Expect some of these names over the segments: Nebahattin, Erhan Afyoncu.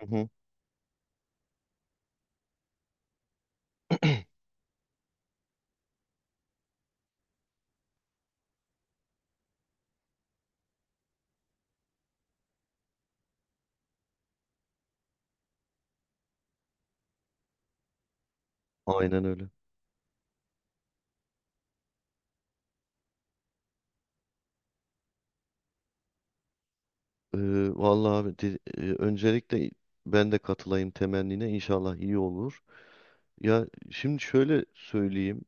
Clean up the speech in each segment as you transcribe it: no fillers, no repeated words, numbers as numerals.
Hı hı. Aynen öyle. Vallahi abi öncelikle ben de katılayım temennine, inşallah iyi olur. Ya şimdi şöyle söyleyeyim.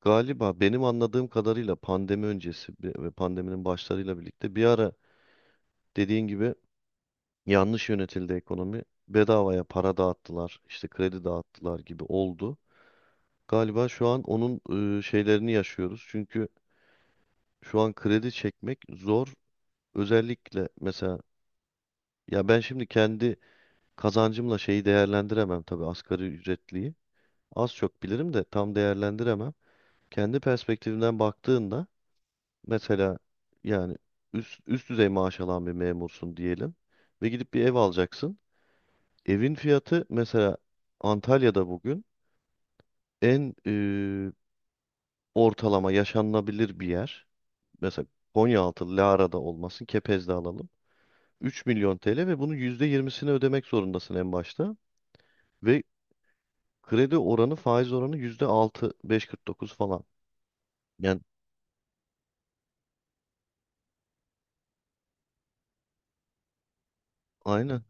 Galiba benim anladığım kadarıyla pandemi öncesi ve pandeminin başlarıyla birlikte bir ara, dediğin gibi, yanlış yönetildi ekonomi. Bedavaya para dağıttılar, işte kredi dağıttılar gibi oldu. Galiba şu an onun şeylerini yaşıyoruz. Çünkü şu an kredi çekmek zor. Özellikle mesela, ya ben şimdi kendi kazancımla şeyi değerlendiremem, tabii asgari ücretliyi. Az çok bilirim de tam değerlendiremem. Kendi perspektifimden baktığında mesela, yani üst düzey maaş alan bir memursun diyelim ve gidip bir ev alacaksın. Evin fiyatı mesela Antalya'da bugün en ortalama yaşanılabilir bir yer. Mesela Konyaaltı, Lara'da olmasın, Kepez'de alalım. 3 milyon TL, ve bunun %20'sini ödemek zorundasın en başta. Ve kredi oranı, faiz oranı %6, 5,49 falan. Yani aynen.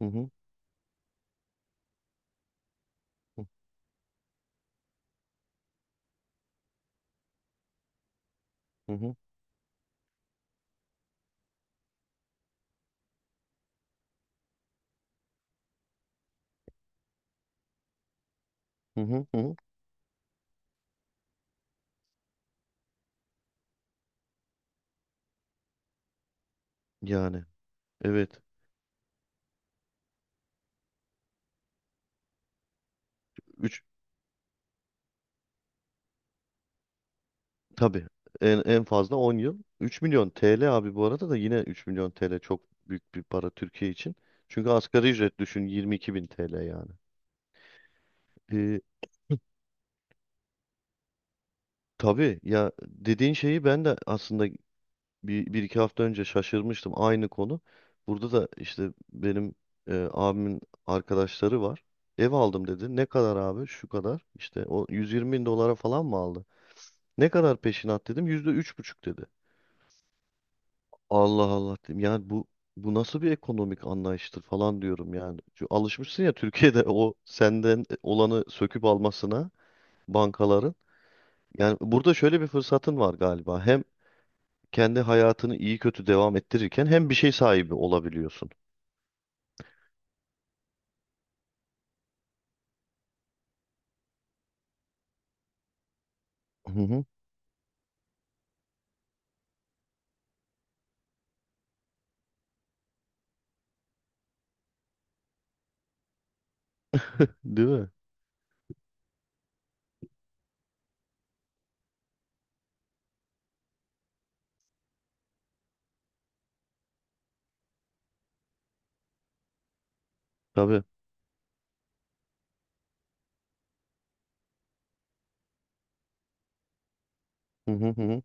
Hı hı, hı hı, hı hı, hı hı. Yani evet. üç tabii, en fazla 10 yıl. 3 milyon TL abi, bu arada da yine 3 milyon TL çok büyük bir para Türkiye için. Çünkü asgari ücret düşün, 22 bin TL yani. Ee, tabii ya, dediğin şeyi ben de aslında bir iki hafta önce şaşırmıştım, aynı konu. Burada da işte benim abimin arkadaşları var. Ev aldım dedi. Ne kadar abi? Şu kadar. İşte o 120 bin dolara falan mı aldı? Ne kadar peşinat dedim. %3,5 dedi. Allah Allah dedim. Yani bu nasıl bir ekonomik anlayıştır falan diyorum yani. Çünkü alışmışsın ya Türkiye'de o senden olanı söküp almasına bankaların. Yani burada şöyle bir fırsatın var galiba. Hem kendi hayatını iyi kötü devam ettirirken hem bir şey sahibi olabiliyorsun. Hı hı. Değil mi? Tabii. Hı hı hı, hı.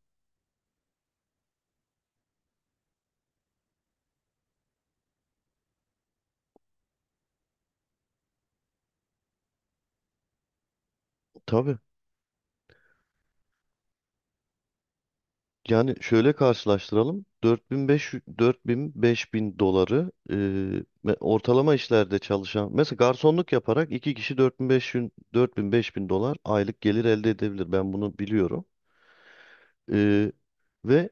Tabii. Yani şöyle karşılaştıralım. 4500, 4000 bin, beş bin doları ortalama işlerde çalışan, mesela garsonluk yaparak, iki kişi dört bin beş yüz, dört bin, 4000 bin dolar aylık gelir elde edebilir. Ben bunu biliyorum. E, ve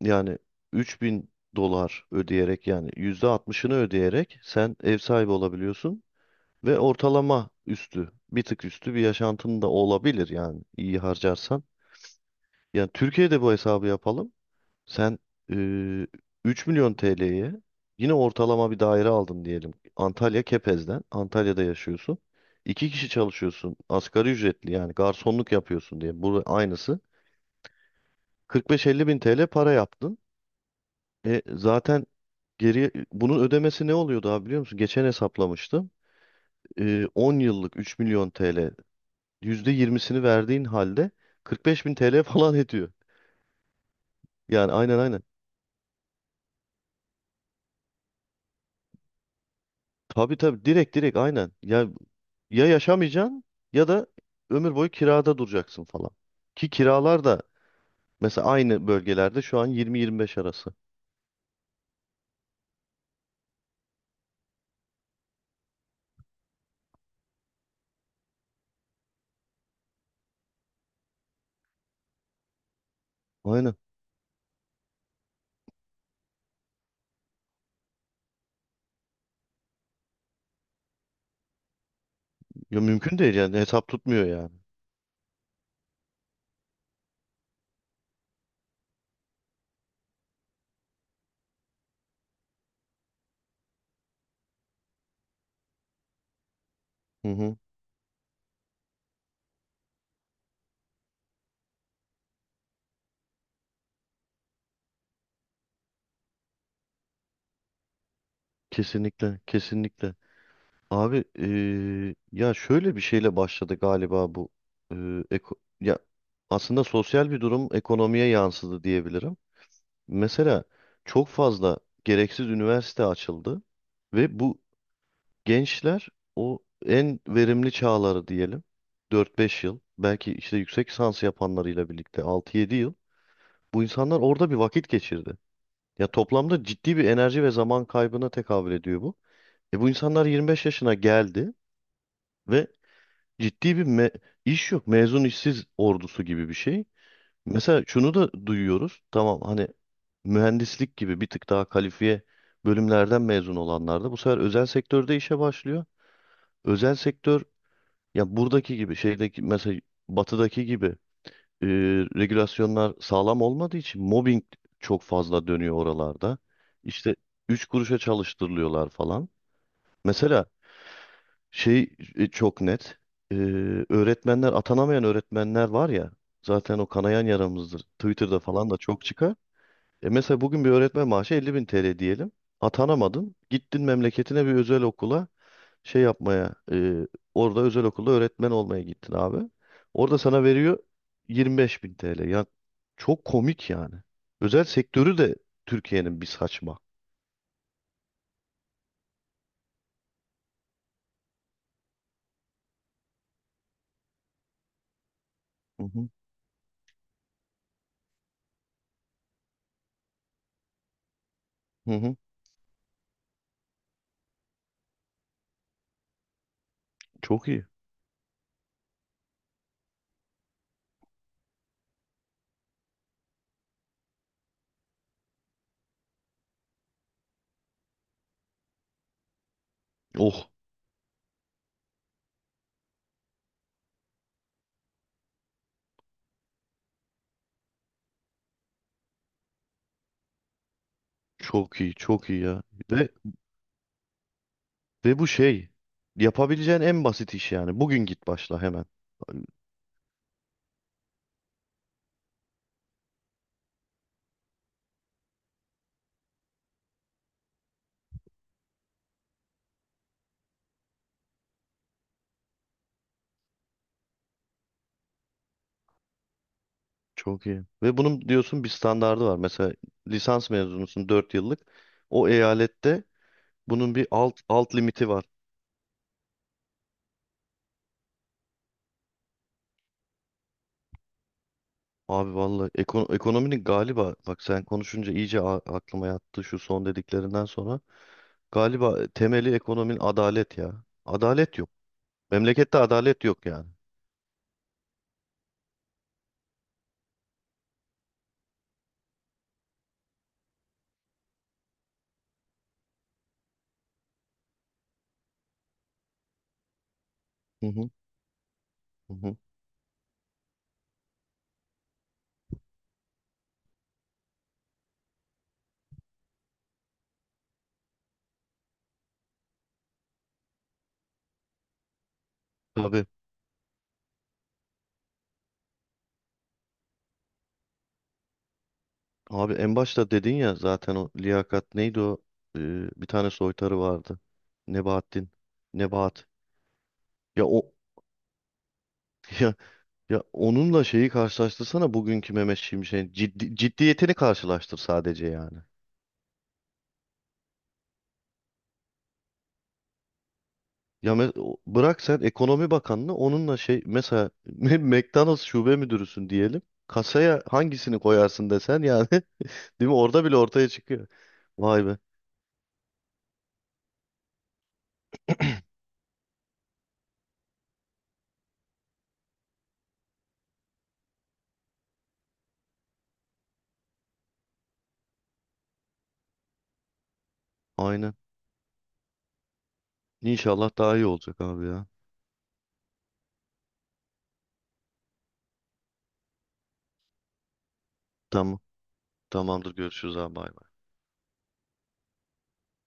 yani 3 bin dolar ödeyerek, yani %60'ını ödeyerek sen ev sahibi olabiliyorsun ve ortalama üstü, bir tık üstü bir yaşantın da olabilir, yani iyi harcarsan. Yani Türkiye'de bu hesabı yapalım. Sen e, 3 milyon TL'ye yine ortalama bir daire aldın diyelim. Antalya Kepez'den. Antalya'da yaşıyorsun. İki kişi çalışıyorsun. Asgari ücretli, yani garsonluk yapıyorsun diye. Bu aynısı. 45-50 bin TL para yaptın. Zaten geri bunun ödemesi ne oluyordu abi, biliyor musun? Geçen hesaplamıştım. 10 yıllık 3 milyon TL, %20'sini verdiğin halde 45 bin TL falan ediyor. Yani aynen, aynen. Tabii, tabii, direkt, direkt aynen. Ya, ya yaşamayacaksın ya da ömür boyu kirada duracaksın falan. Ki kiralar da mesela aynı bölgelerde şu an 20-25 arası. Aynen. Ya mümkün değil yani, hesap tutmuyor yani. Hı hı. Kesinlikle, kesinlikle. Abi ya şöyle bir şeyle başladı galiba bu. eee, eko- Ya aslında sosyal bir durum ekonomiye yansıdı diyebilirim. Mesela çok fazla gereksiz üniversite açıldı ve bu gençler, o en verimli çağları diyelim, 4-5 yıl, belki işte yüksek lisans yapanlarıyla birlikte 6-7 yıl, bu insanlar orada bir vakit geçirdi. Ya toplamda ciddi bir enerji ve zaman kaybına tekabül ediyor bu. Bu insanlar 25 yaşına geldi ve ciddi bir iş yok. Mezun işsiz ordusu gibi bir şey. Mesela şunu da duyuyoruz. Tamam, hani mühendislik gibi bir tık daha kalifiye bölümlerden mezun olanlar da bu sefer özel sektörde işe başlıyor. Özel sektör, ya buradaki gibi şeydeki mesela, batıdaki gibi e, regülasyonlar sağlam olmadığı için mobbing çok fazla dönüyor oralarda. İşte 3 kuruşa çalıştırılıyorlar falan. Mesela şey, çok net. E, öğretmenler Atanamayan öğretmenler var ya, zaten o kanayan yaramızdır. Twitter'da falan da çok çıkar. Mesela bugün bir öğretmen maaşı 50 bin TL diyelim. Atanamadın. Gittin memleketine bir özel okula şey yapmaya, orada özel okulda öğretmen olmaya gittin abi. Orada sana veriyor 25 bin TL. Ya çok komik yani. Özel sektörü de Türkiye'nin bir saçma. Hı hı. Hı hı. Çok iyi. Oh, çok iyi, çok iyi ya. Ve, ve bu şey, yapabileceğin en basit iş yani. Bugün git başla hemen. Çok iyi. Ve bunun diyorsun bir standardı var. Mesela lisans mezunusun, 4 yıllık. O eyalette bunun bir alt limiti var. Abi vallahi ekonominin, galiba bak, sen konuşunca iyice aklıma yattı şu son dediklerinden sonra. Galiba temeli ekonominin adalet ya. Adalet yok. Memlekette adalet yok yani. Hı hı, hı hı. Tabii. Abi en başta dedin ya zaten, o liyakat neydi o? Ee, Bir tane soytarı vardı. Nebahattin. Nebahat. Ya o ya, ya onunla şeyi karşılaştırsana, bugünkü Mehmet Şimşek'in ciddiyetini karşılaştır sadece yani. Ya bırak sen ekonomi bakanını, onunla şey, mesela McDonald's şube müdürüsün diyelim. Kasaya hangisini koyarsın desen yani değil mi? Orada bile ortaya çıkıyor. Vay be. Aynen. İnşallah daha iyi olacak abi ya. Tamam. Tamamdır, görüşürüz abi, bay bay.